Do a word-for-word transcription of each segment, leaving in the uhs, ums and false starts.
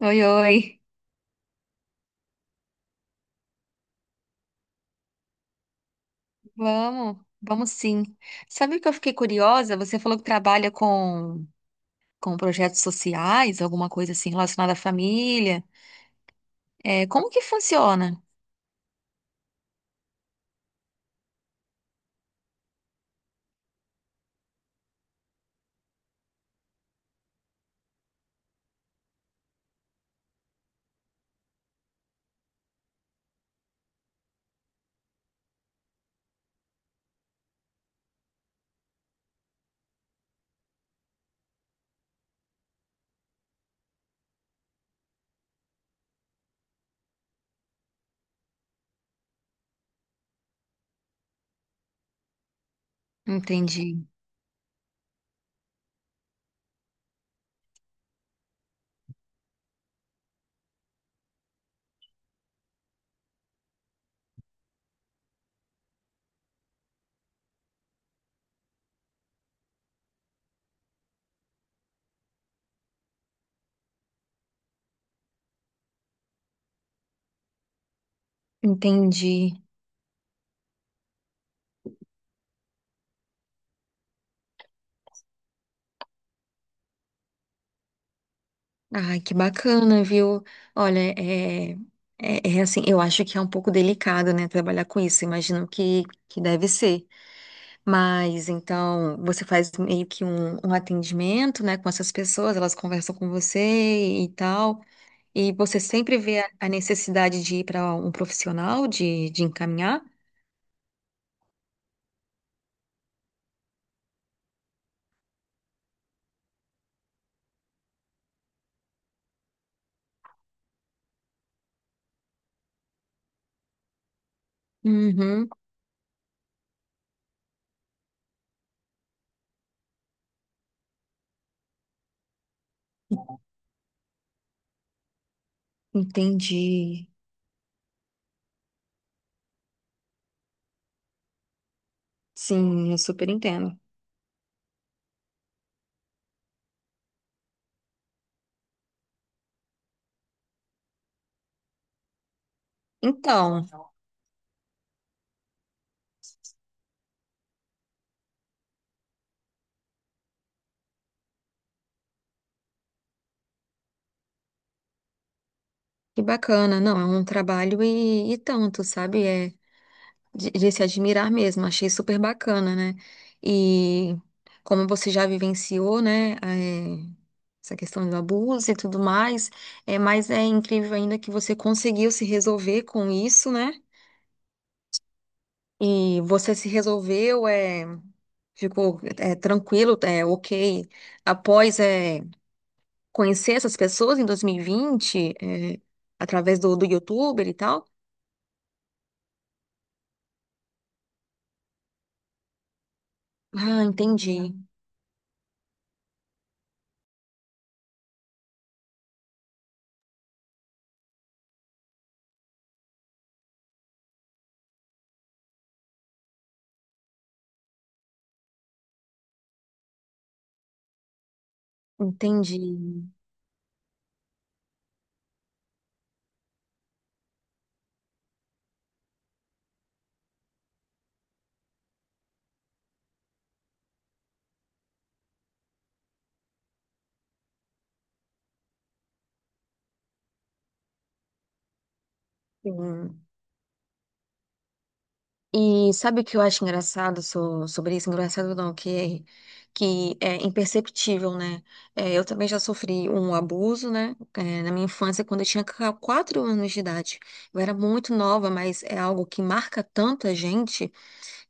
Oi, oi. Vamos, vamos sim. Sabe o que eu fiquei curiosa? Você falou que trabalha com, com projetos sociais, alguma coisa assim relacionada à família. É, como que funciona? Entendi, entendi. Ai, que bacana, viu? Olha, é, é, é assim, eu acho que é um pouco delicado, né, trabalhar com isso. Imagino que, que deve ser. Mas então você faz meio que um, um atendimento, né, com essas pessoas, elas conversam com você e tal. E você sempre vê a a necessidade de ir para um profissional, de, de encaminhar? Uhum, entendi. Sim, eu super entendo. Então, que bacana. Não, é um trabalho e, e tanto, sabe? É de, de se admirar mesmo. Achei super bacana, né? E como você já vivenciou, né? é, essa questão do abuso e tudo mais, é, mas é incrível ainda que você conseguiu se resolver com isso, né? E você se resolveu, é. Ficou é, tranquilo, é, ok. Após é, conhecer essas pessoas em dois mil e vinte, é, através do, do YouTuber e tal. Ah, entendi, entendi. Sim. E sabe o que eu acho engraçado so- sobre isso? Engraçado não, que, é, que é imperceptível, né? É, eu também já sofri um abuso, né? É, na minha infância, quando eu tinha ca- quatro anos de idade. Eu era muito nova, mas é algo que marca tanta gente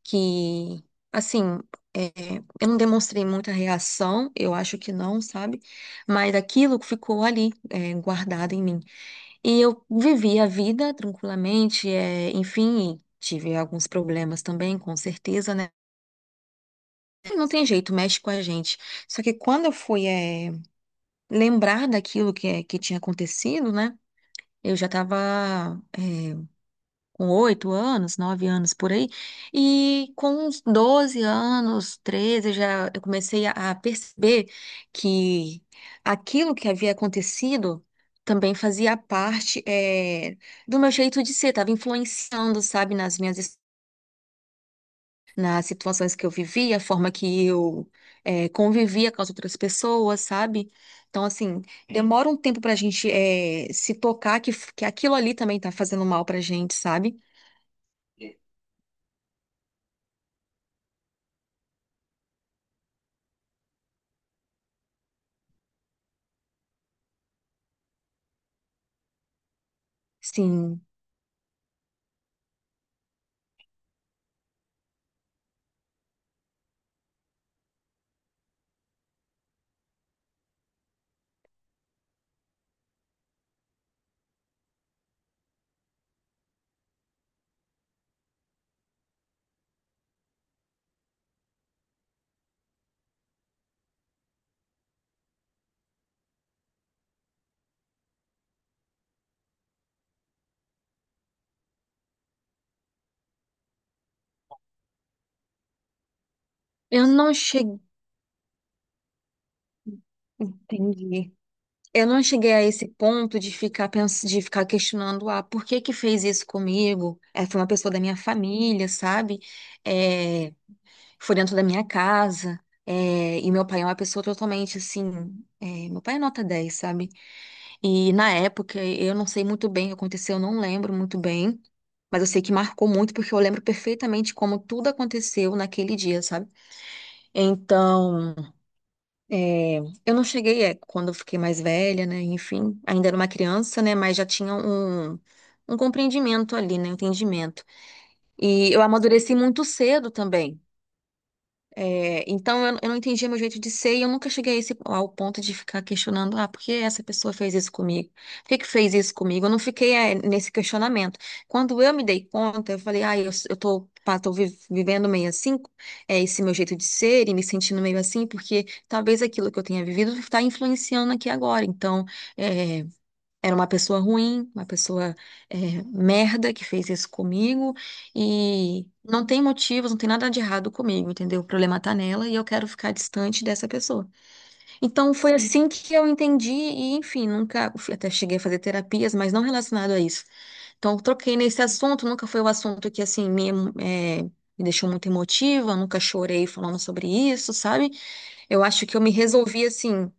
que, assim, é, eu não demonstrei muita reação, eu acho que não, sabe? Mas aquilo ficou ali, é, guardado em mim. E eu vivi a vida tranquilamente, é, enfim, e tive alguns problemas também, com certeza, né? Não tem jeito, mexe com a gente. Só que quando eu fui, é, lembrar daquilo que, é, que tinha acontecido, né? Eu já estava com oito anos, nove anos por aí, e com uns doze anos, treze já eu comecei a, a perceber que aquilo que havia acontecido também fazia parte eh, do meu jeito de ser, estava influenciando, sabe, nas minhas es- nas situações que eu vivia, a forma que eu eh, convivia com as outras pessoas, sabe? Então, assim, demora um tempo pra gente eh, se tocar que, f- que aquilo ali também tá fazendo mal pra gente, sabe? Sim. Eu não cheguei. Entendi. Eu não cheguei a esse ponto de ficar pens... de ficar questionando, ah, por que que fez isso comigo? É, foi uma pessoa da minha família, sabe? É, foi dentro da minha casa. É, e meu pai é uma pessoa totalmente assim. É, meu pai é nota dez, sabe? E na época eu não sei muito bem o que aconteceu, eu não lembro muito bem. Mas eu sei que marcou muito porque eu lembro perfeitamente como tudo aconteceu naquele dia, sabe? Então. É, eu não cheguei, é, quando eu fiquei mais velha, né? Enfim, ainda era uma criança, né? Mas já tinha um, um compreendimento ali, né? Um entendimento. E eu amadureci muito cedo também. É, então eu, eu não entendia meu jeito de ser e eu nunca cheguei a esse, ao ponto de ficar questionando, ah, por que essa pessoa fez isso comigo? Por que que fez isso comigo? Eu não fiquei eh, nesse questionamento. Quando eu me dei conta, eu falei, ah, eu, s- eu tô, pá, tô vi- vivendo meio assim, é esse meu jeito de ser e me sentindo meio assim, porque talvez aquilo que eu tenha vivido está influenciando aqui agora. Então, eh, era uma pessoa ruim, uma pessoa eh, merda que fez isso comigo e não tem motivos, não tem nada de errado comigo, entendeu? O problema tá nela e eu quero ficar distante dessa pessoa. Então foi assim que eu entendi e, enfim, nunca fui- até cheguei a fazer terapias, mas não relacionado a isso. Então eu troquei nesse assunto, nunca foi o assunto que assim me, emo- eh, me deixou muito emotiva, nunca chorei falando sobre isso, sabe? Eu acho que eu me resolvi assim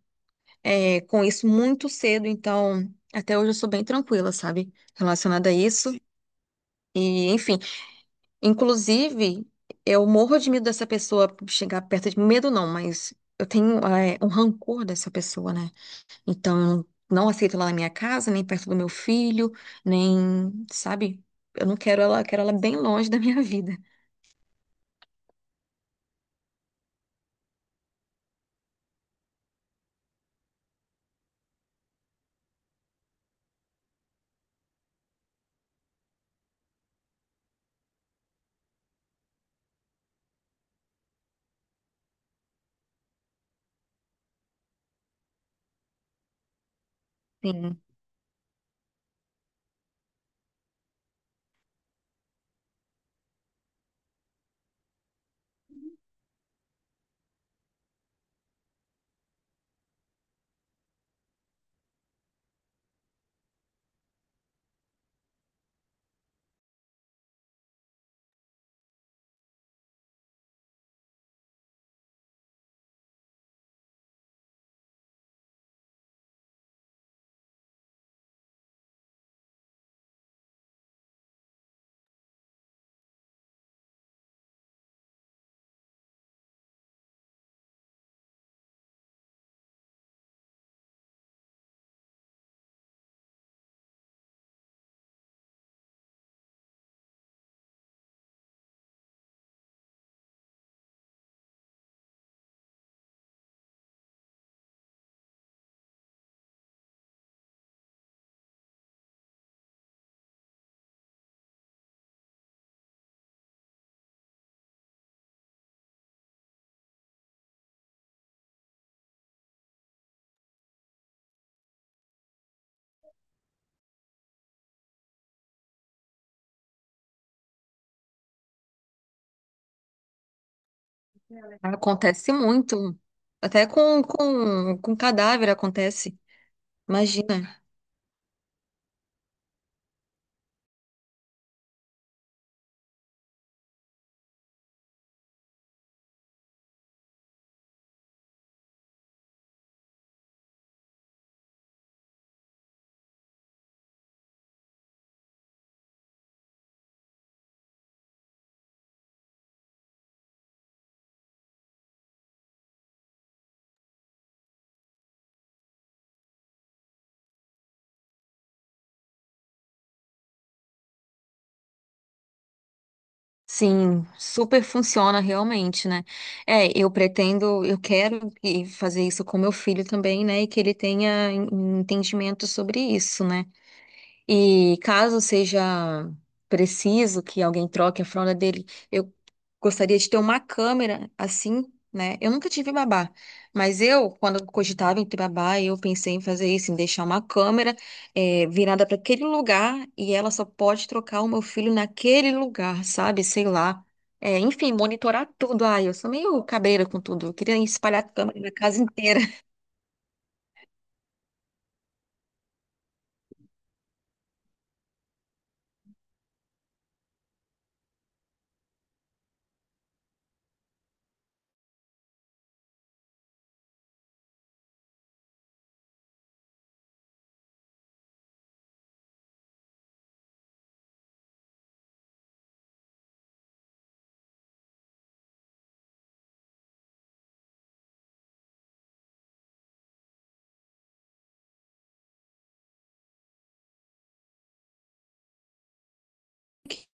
é, com isso muito cedo, então até hoje eu sou bem tranquila, sabe? Relacionada a isso. E, enfim, inclusive, eu morro de medo dessa pessoa chegar perto de mim. Medo não, mas eu tenho, é, um rancor dessa pessoa, né? Então, eu não aceito ela na minha casa, nem perto do meu filho, nem, sabe? Eu não quero ela, eu quero ela bem longe da minha vida. Sim, acontece muito. Até com, com, com cadáver acontece. Imagina. Sim, super funciona realmente, né? É, eu pretendo, eu quero e fazer isso com meu filho também, né? E que ele tenha en- entendimento sobre isso, né? E caso seja preciso que alguém troque a fralda dele, eu gostaria de ter uma câmera assim, né? Eu nunca tive babá, mas eu, quando eu cogitava em ter babá, eu pensei em fazer isso, em deixar uma câmera eh, virada para aquele lugar e ela só pode trocar o meu filho naquele lugar, sabe? Sei lá. Eh, enfim, monitorar tudo. Ai, eu sou meio cabreira com tudo. Eu queria espalhar a câmera na casa inteira.